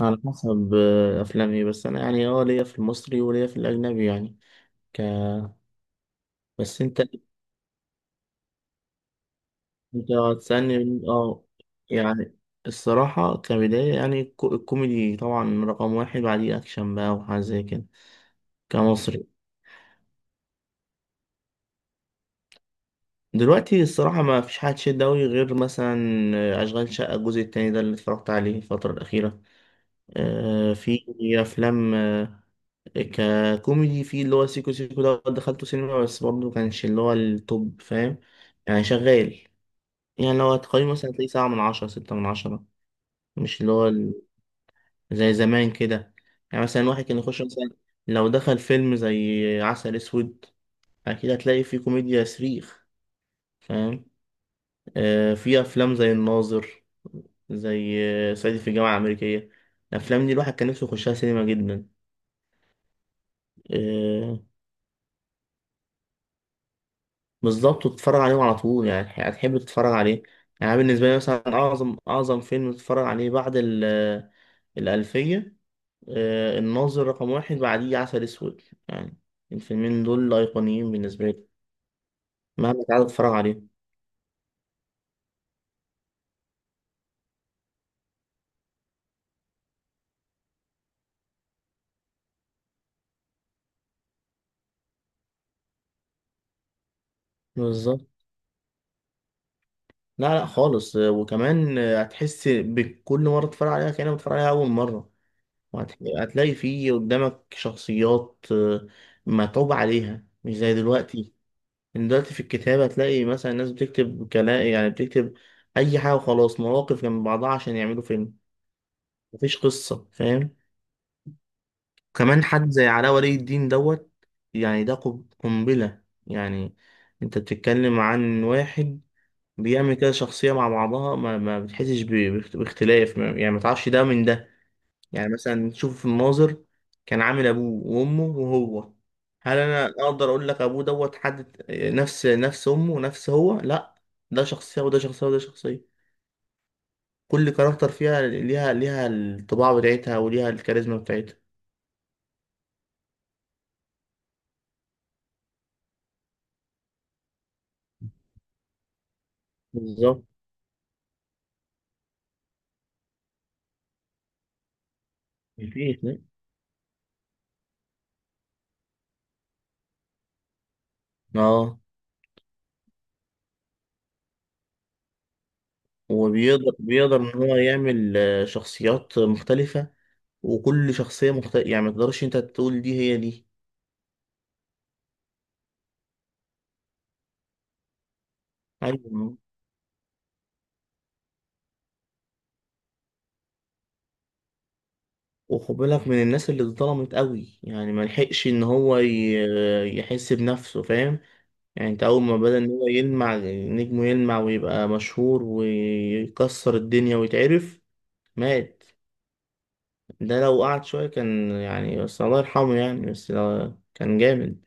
على حسب افلامي، بس انا يعني ليا في المصري وليا في الاجنبي يعني. ك بس انت هتسالني، يعني. الصراحه كبدايه يعني الكوميدي طبعا رقم واحد، بعديه اكشن بقى وحاجه زي كده. كمصري دلوقتي، الصراحه ما فيش حاجه تشد أوي غير مثلا اشغال شقه الجزء التاني ده اللي اتفرجت عليه الفتره الاخيره. في افلام ككوميدي، في اللي هو سيكو سيكو ده دخلته سينما، بس برضه كانش اللي هو التوب، فاهم؟ يعني شغال. يعني لو هتقيمه مثلا تلاقيه سبعة من عشرة، ستة من عشرة، مش اللي هو زي زمان كده. يعني مثلا واحد كان يخش، مثلا لو دخل فيلم زي عسل أسود، أكيد هتلاقي فيه كوميديا صريخ، فاهم؟ آه في أفلام زي الناظر، زي صعيدي في الجامعة الأمريكية. الأفلام دي الواحد كان نفسه يخشها سينما جدا. آه، بالظبط، وتتفرج عليهم على طول، يعني هتحب تتفرج عليه. يعني بالنسبة لي مثلا أعظم أعظم فيلم تتفرج عليه بعد الألفية، الناظر رقم واحد، بعديه عسل أسود، يعني الفيلمين دول أيقونيين بالنسبة لي، مهما تعالى تتفرج عليهم. بالظبط. لا لا خالص. وكمان هتحس بكل مرة تتفرج عليها كأنك بتتفرج عليها أول مرة. وهتلاقي فيه قدامك شخصيات متعوب عليها، مش زي دلوقتي. إن دلوقتي في الكتابة هتلاقي مثلا الناس بتكتب كلام، يعني بتكتب أي حاجة وخلاص، مواقف جنب بعضها عشان يعملوا فيلم، مفيش قصة، فاهم؟ كمان حد زي علاء ولي الدين دوت، يعني ده قنبلة. يعني أنت بتتكلم عن واحد بيعمل كده شخصية مع بعضها، ما بتحسش باختلاف، يعني ما تعرفش ده من ده. يعني مثلا شوف المناظر، كان عامل ابوه وامه وهو، هل انا اقدر اقول لك ابوه دوت حد نفس امه ونفس هو؟ لا، ده شخصيه وده شخصيه وده شخصيه. كل كاركتر فيها ليها الطباع بتاعتها وليها الكاريزما بتاعتها. بالظبط. مفيش، لا. اه، وبيقدر ان هو يعمل شخصيات مختلفه، وكل شخصيه مختلفه، يعني ما تقدرش انت تقول دي هي دي. ايوه، وخد بالك من الناس اللي اتظلمت قوي، يعني ما لحقش ان هو يحس بنفسه، فاهم؟ يعني انت اول ما بدأ ان هو يلمع نجمه يلمع ويبقى مشهور ويكسر الدنيا ويتعرف، مات. ده لو قعد شوية كان يعني، بس الله يرحمه، يعني بس كان جامد.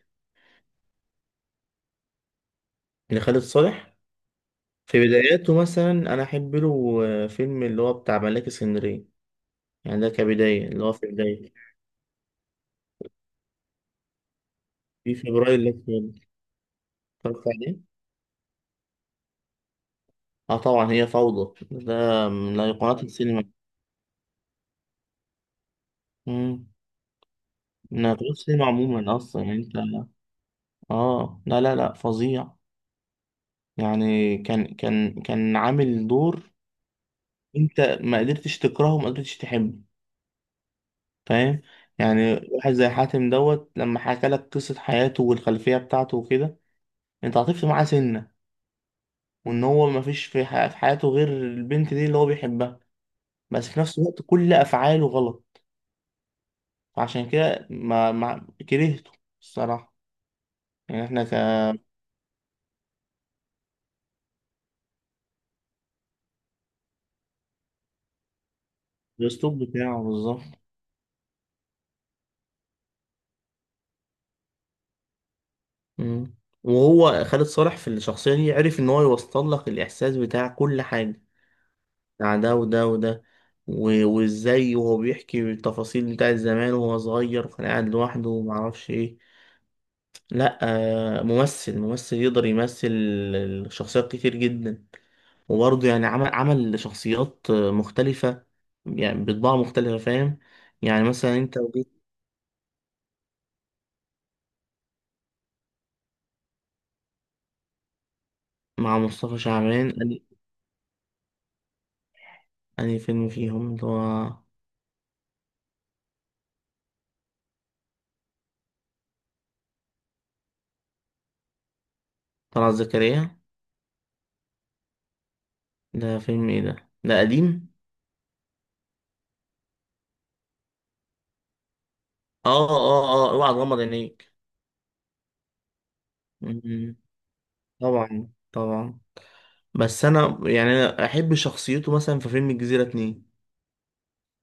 اللي خالد صالح في بداياته مثلا، انا احب له فيلم اللي هو بتاع ملاك اسكندرية، يعني ده كبداية اللي هو في بداية. في فبراير اللي فات اتفرجت عليه. اه طبعا هي فوضى، ده من ايقونات السينما. امم من ايقونات السينما عموما اصلا يعني. انت اه، لا لا لا فظيع. يعني كان عامل دور، انت ما قدرتش تكرهه وما قدرتش تحبه، فاهم؟ يعني واحد زي حاتم دوت لما حكى لك قصة حياته والخلفية بتاعته وكده، انت عاطفت معاه سنة، وان هو ما فيش في في حياته غير البنت دي اللي هو بيحبها، بس في نفس الوقت كل افعاله غلط، فعشان كده ما كرهته الصراحة. يعني احنا الاسلوب بتاعه بالظبط. مم. وهو خالد صالح في الشخصية دي عرف إن هو يوصل لك الإحساس بتاع كل حاجة، بتاع ده وده وده، وإزاي وهو بيحكي التفاصيل بتاعت زمان وهو صغير وكان قاعد لوحده ومعرفش إيه. لأ، ممثل ممثل يقدر يمثل شخصيات كتير جدا، وبرضه يعني عمل شخصيات مختلفة، يعني بطباع مختلفة، فاهم؟ يعني مثلا أنت لو جيت مع مصطفى شعبان، أنهي فيلم فيهم اللي هو طلعت زكريا؟ ده فيلم إيه ده؟ ده قديم؟ أوعى تغمض عينيك. مم. طبعا طبعا. بس أنا يعني أنا أحب شخصيته مثلا في فيلم الجزيرة اتنين،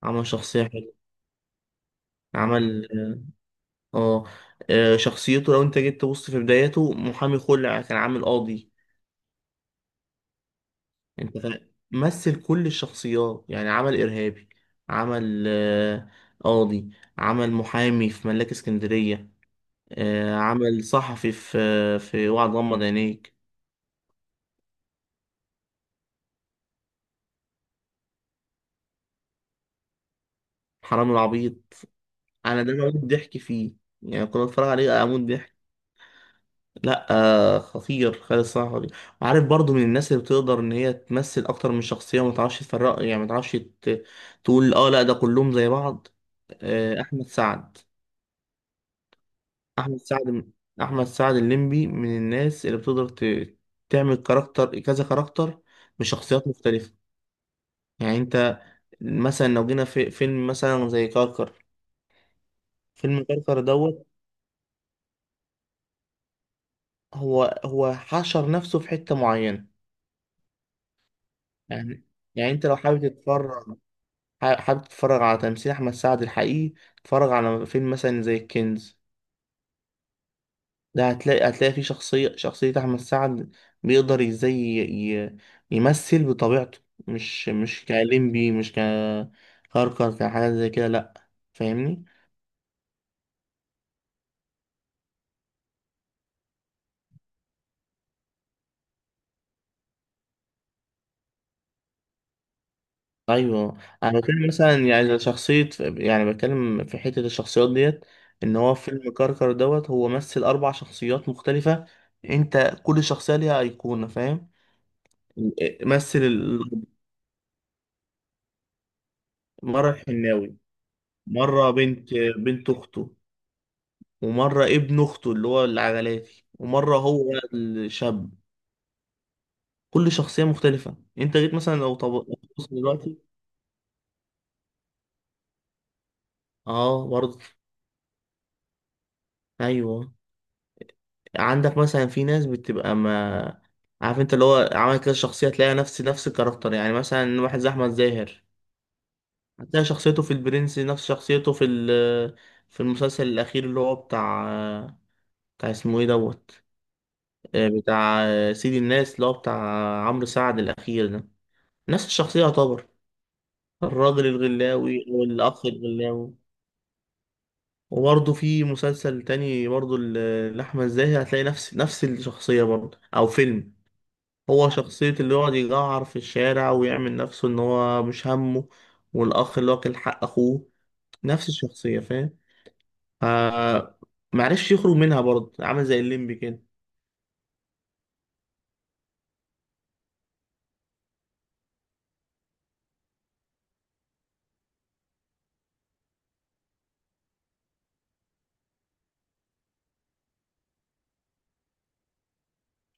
عمل شخصية حلوة. عمل آه شخصيته لو أنت جيت تبص في بدايته، محامي خلع، كان عامل قاضي. أنت مثل كل الشخصيات، يعني عمل إرهابي، عمل قاضي، عمل محامي في ملاك اسكندرية، عمل صحفي في وعد غمض عينيك. حرام العبيط، انا ده بموت ضحك فيه. يعني كنت اتفرج عليه اموت ضحك. لا، آه خطير خالد صحفي. عارف برضو من الناس اللي بتقدر ان هي تمثل اكتر من شخصيه، وما تعرفش تفرق، يعني ما تعرفش تقول اه لا ده كلهم زي بعض. آه، احمد سعد احمد سعد الليمبي من الناس اللي بتقدر تعمل كاركتر كذا كاركتر بشخصيات مختلفه. يعني انت مثلا لو جينا في فيلم مثلا زي كركر، فيلم كركر دوت، هو حشر نفسه في حتة معينة. يعني يعني انت لو حابب تتفرج حابب تتفرج على تمثيل احمد سعد الحقيقي، اتفرج على فيلم مثلا زي الكنز. ده هتلاقي فيه شخصية احمد سعد، بيقدر ازاي يمثل بطبيعته. مش كليمبي، مش ككركر كحاجة زي كده، لا. فاهمني؟ ايوه. انا بتكلم مثلا يعني شخصيه، يعني بتكلم في حته الشخصيات ديت، ان هو فيلم كركر دوت هو مثل اربع شخصيات مختلفه، انت كل شخصيه ليها ايقونه، فاهم؟ مثل مره الحناوي، مره بنت اخته، ومره ابن اخته اللي هو العجلاتي، ومره هو الشاب. كل شخصيه مختلفه. انت جيت مثلا، لو طب لو تبص دلوقتي، اه برضه. ايوه، عندك مثلا في ناس بتبقى، ما عارف، انت اللي هو عمل كده شخصية تلاقي نفس الكاركتر، يعني مثلا واحد زي أحمد زاهر، هتلاقي شخصيته في البرنس نفس شخصيته في في المسلسل الأخير اللي هو بتاع اسمه ايه دوت، بتاع سيد الناس اللي هو بتاع عمرو سعد الأخير ده. نفس الشخصية يعتبر، الراجل الغلاوي والأخ الغلاوي. وبرضه في مسلسل تاني برضه لأحمد زاهر هتلاقي نفس الشخصية برضه أو فيلم، هو شخصية اللي يقعد يجعر في الشارع ويعمل نفسه إن هو مش همه، والأخ اللي واكل حق أخوه، نفس الشخصية، فاهم؟ آه، معرفش يخرج منها برضه، عامل زي الليمبي كده.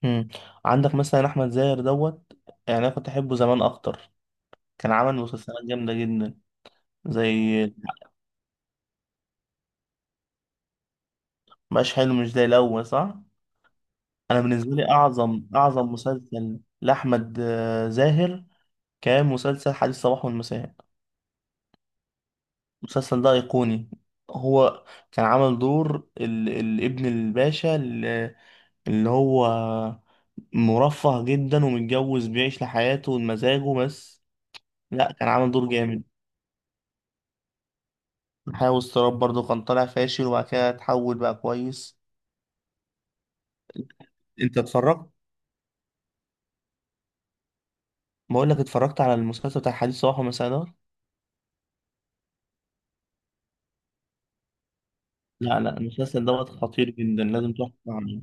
مم. عندك مثلا احمد زاهر دوت، يعني انا كنت احبه زمان اكتر، كان عمل مسلسلات جامده جدا. زي مش حلو، مش زي الاول، صح. انا بالنسبه لي اعظم اعظم مسلسل لاحمد زاهر كان مسلسل حديث الصباح والمساء. المسلسل ده أيقوني. هو كان عمل دور الابن الباشا اللي هو مرفه جدا، ومتجوز، بيعيش لحياته ومزاجه بس. لا كان عامل دور جامد. حياة واضطراب برضه كان طالع فاشل وبعد كده اتحول بقى كويس. انت اتفرجت، بقول لك اتفرجت على المسلسل بتاع حديث صباح ومساء ده؟ لا لا، المسلسل دوت خطير جدا، لازم تروح تتفرج عليه.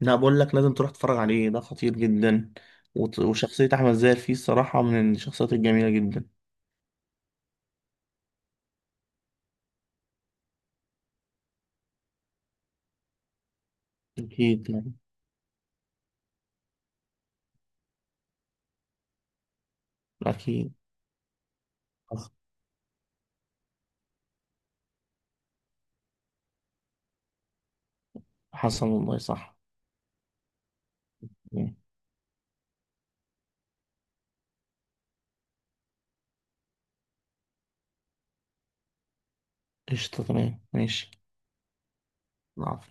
لا بقول لك لازم تروح تتفرج عليه، ده خطير جدا. وشخصية أحمد زاهر فيه الصراحة من الشخصيات الجميلة جدا. أكيد يعني. أكيد. حصل. حصل والله صح. مم. قشطة، تمام، ماشي. العفو.